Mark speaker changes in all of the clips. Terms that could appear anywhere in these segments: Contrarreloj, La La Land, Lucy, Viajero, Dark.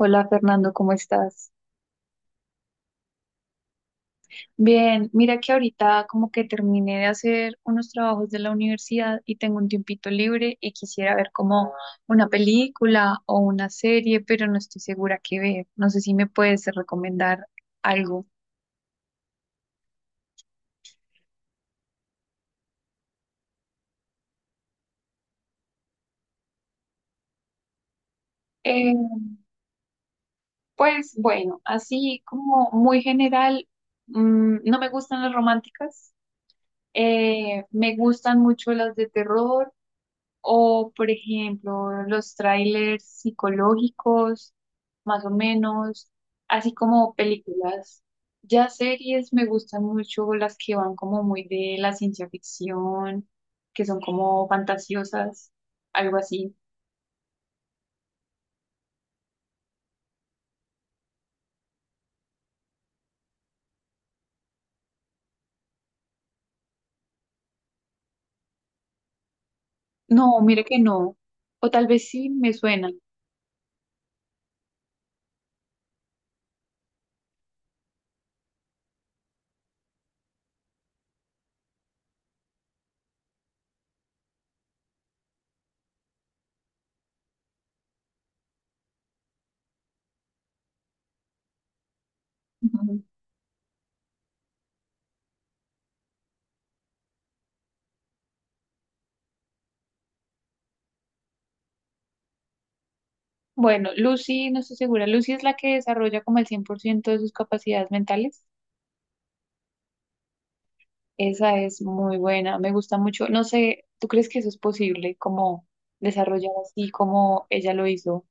Speaker 1: Hola Fernando, ¿cómo estás? Bien, mira que ahorita como que terminé de hacer unos trabajos de la universidad y tengo un tiempito libre y quisiera ver como una película o una serie, pero no estoy segura qué ver. No sé si me puedes recomendar algo. Eh, pues bueno, así como muy general, no me gustan las románticas, me gustan mucho las de terror. O, por ejemplo, los trailers psicológicos, más o menos, así como películas. Ya series me gustan mucho las que van como muy de la ciencia ficción, que son como fantasiosas, algo así. No, mire que no. O tal vez sí me suena. Ujú. Bueno, Lucy, no estoy segura. Lucy es la que desarrolla como el 100% de sus capacidades mentales. Esa es muy buena, me gusta mucho. No sé, ¿tú crees que eso es posible, como desarrollar así como ella lo hizo?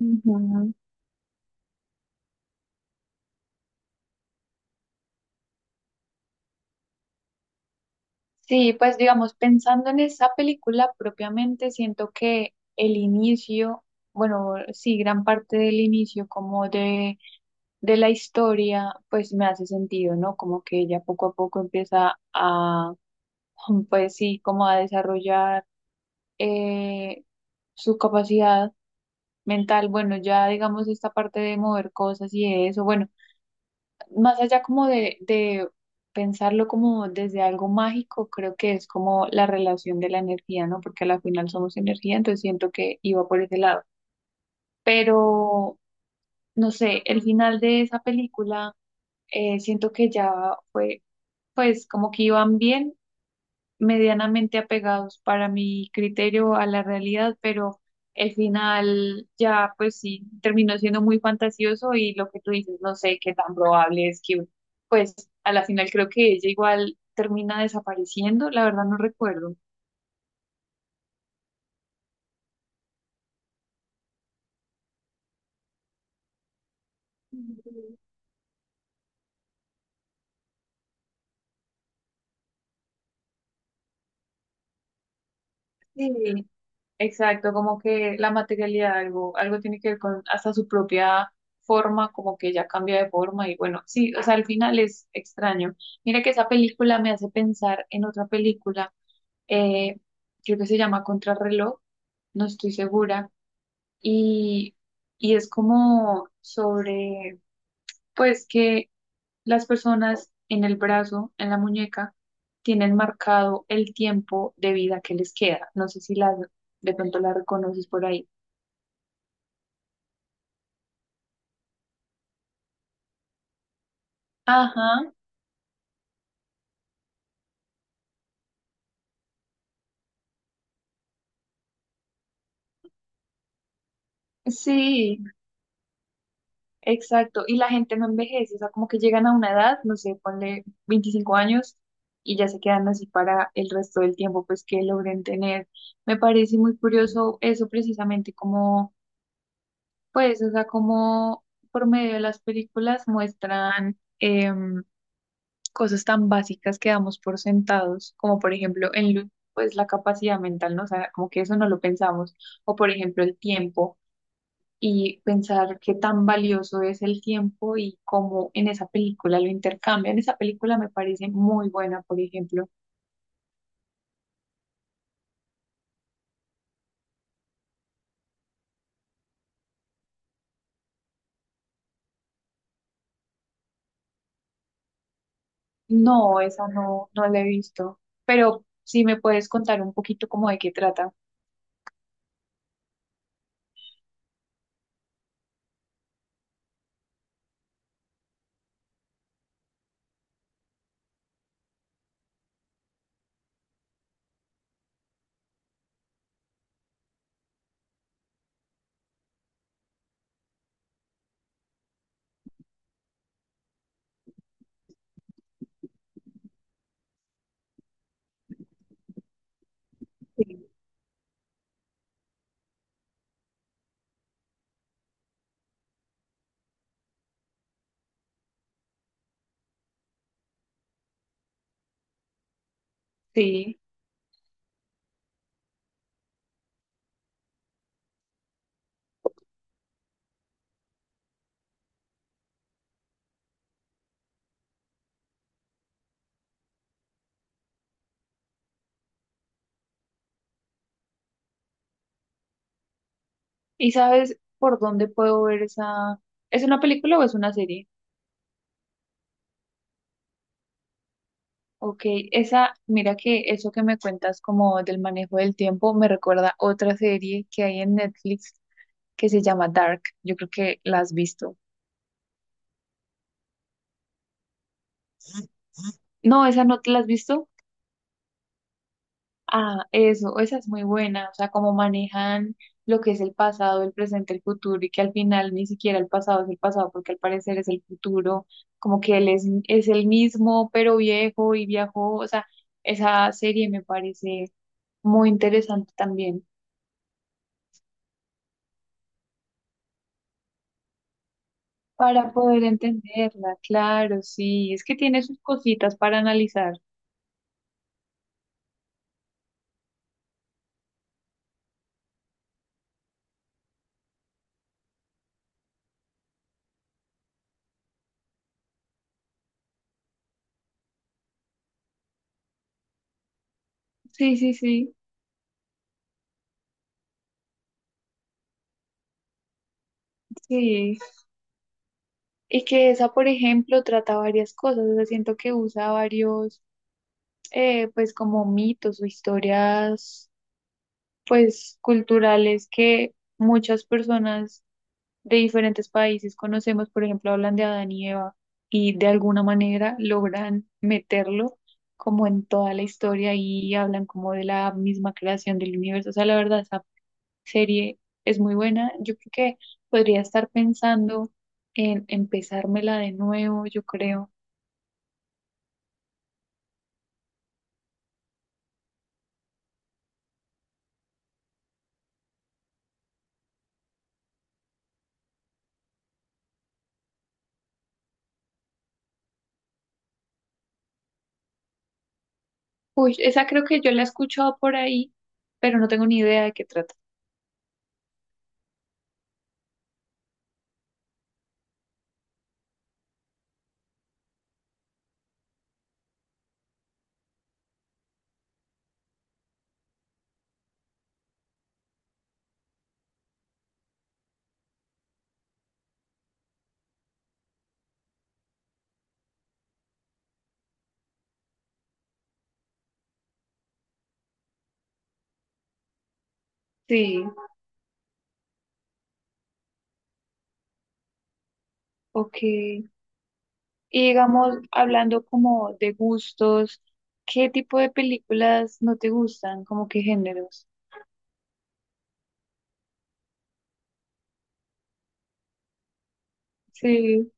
Speaker 1: Ujú. Sí, pues digamos, pensando en esa película propiamente, siento que el inicio, bueno, sí, gran parte del inicio como de la historia, pues me hace sentido, ¿no? Como que ella poco a poco empieza a, pues sí, como a desarrollar eh, su capacidad mental. Bueno, ya digamos esta parte de mover cosas y de eso, bueno, más allá como de pensarlo como desde algo mágico, creo que es como la relación de la energía, ¿no? Porque a la final somos energía, entonces siento que iba por ese lado. Pero, no sé, el final de esa película, siento que ya fue, pues como que iban bien medianamente apegados para mi criterio a la realidad, pero el final ya pues sí terminó siendo muy fantasioso y lo que tú dices, no sé qué tan probable es que pues a la final creo que ella igual termina desapareciendo, la verdad no recuerdo. Sí, exacto, como que la materialidad algo, algo tiene que ver con hasta su propia forma, como que ya cambia de forma y bueno, sí, o sea, al final es extraño. Mira que esa película me hace pensar en otra película eh, creo que se llama Contrarreloj, no estoy segura, y, y es como sobre, pues que las personas en el brazo, en la muñeca, tienen marcado el tiempo de vida que les queda. No sé si la, de pronto la reconoces por ahí. Ajá, sí. Exacto, y la gente no envejece, o sea, como que llegan a una edad, no sé, ponle 25 años y ya se quedan así para el resto del tiempo, pues que logren tener. Me parece muy curioso eso precisamente, como, pues, o sea, como por medio de las películas muestran cosas tan básicas que damos por sentados, como por ejemplo en Lu- pues la capacidad mental, ¿no? O sea, como que eso no lo pensamos, o por ejemplo el tiempo y pensar qué tan valioso es el tiempo y cómo en esa película lo intercambian. Esa película me parece muy buena, por ejemplo. No, esa no, no la he visto, pero sí me puedes contar un poquito como de qué trata. Sí. Sí. ¿Y sabes por dónde puedo ver esa? ¿Es una película o es una serie? Ok, esa, mira que eso que me cuentas como del manejo del tiempo me recuerda otra serie que hay en Netflix que se llama Dark. Yo creo que la has visto. No, esa no te la has visto. Ah, eso, esa es muy buena. O sea, cómo manejan lo que es el pasado, el presente, el futuro, y que al final ni siquiera el pasado es el pasado, porque al parecer es el futuro, como que él es el mismo, pero viejo y viajó. O sea, esa serie me parece muy interesante también para poder entenderla. Claro, sí, es que tiene sus cositas para analizar. Sí, sí, sí, sí. Y que esa, por ejemplo, trata varias cosas. O sea, siento que usa varios pues como mitos o historias pues culturales que muchas personas de diferentes países conocemos, por ejemplo, hablan de Adán y Eva y de alguna manera logran meterlo como en toda la historia y hablan como de la misma creación del universo. O sea, la verdad, esa serie es muy buena. Yo creo que podría estar pensando en empezármela de nuevo, yo creo. Uy, esa creo que yo la he escuchado por ahí, pero no tengo ni idea de qué trata. Sí, ok. Y digamos, hablando como de gustos, ¿qué tipo de películas no te gustan? ¿Como qué géneros? Sí,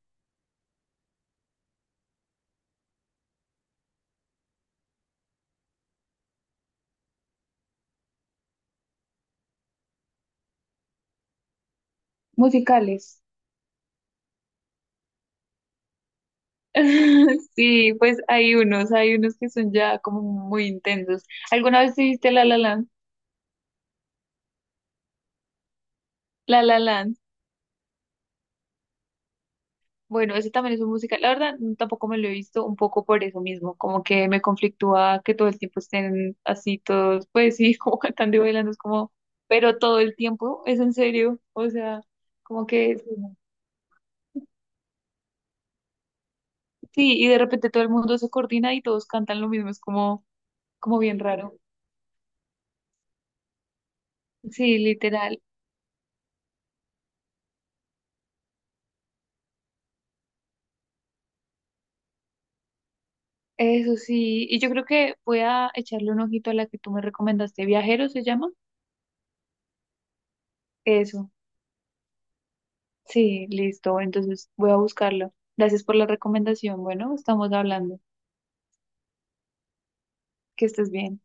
Speaker 1: musicales. Sí, pues hay unos que son ya como muy intensos. ¿Alguna vez te viste La La Land? La La Land. Bueno, ese también es un musical. La verdad, tampoco me lo he visto un poco por eso mismo, como que me conflictúa que todo el tiempo estén así todos, pues sí, como cantando y bailando, es como, pero todo el tiempo, es en serio, o sea, como que sí, y de repente todo el mundo se coordina y todos cantan lo mismo, es como, como bien raro. Sí, literal, eso sí, y yo creo que voy a echarle un ojito a la que tú me recomendaste, Viajero se llama, eso. Sí, listo. Entonces voy a buscarlo. Gracias por la recomendación. Bueno, estamos hablando. Que estés bien.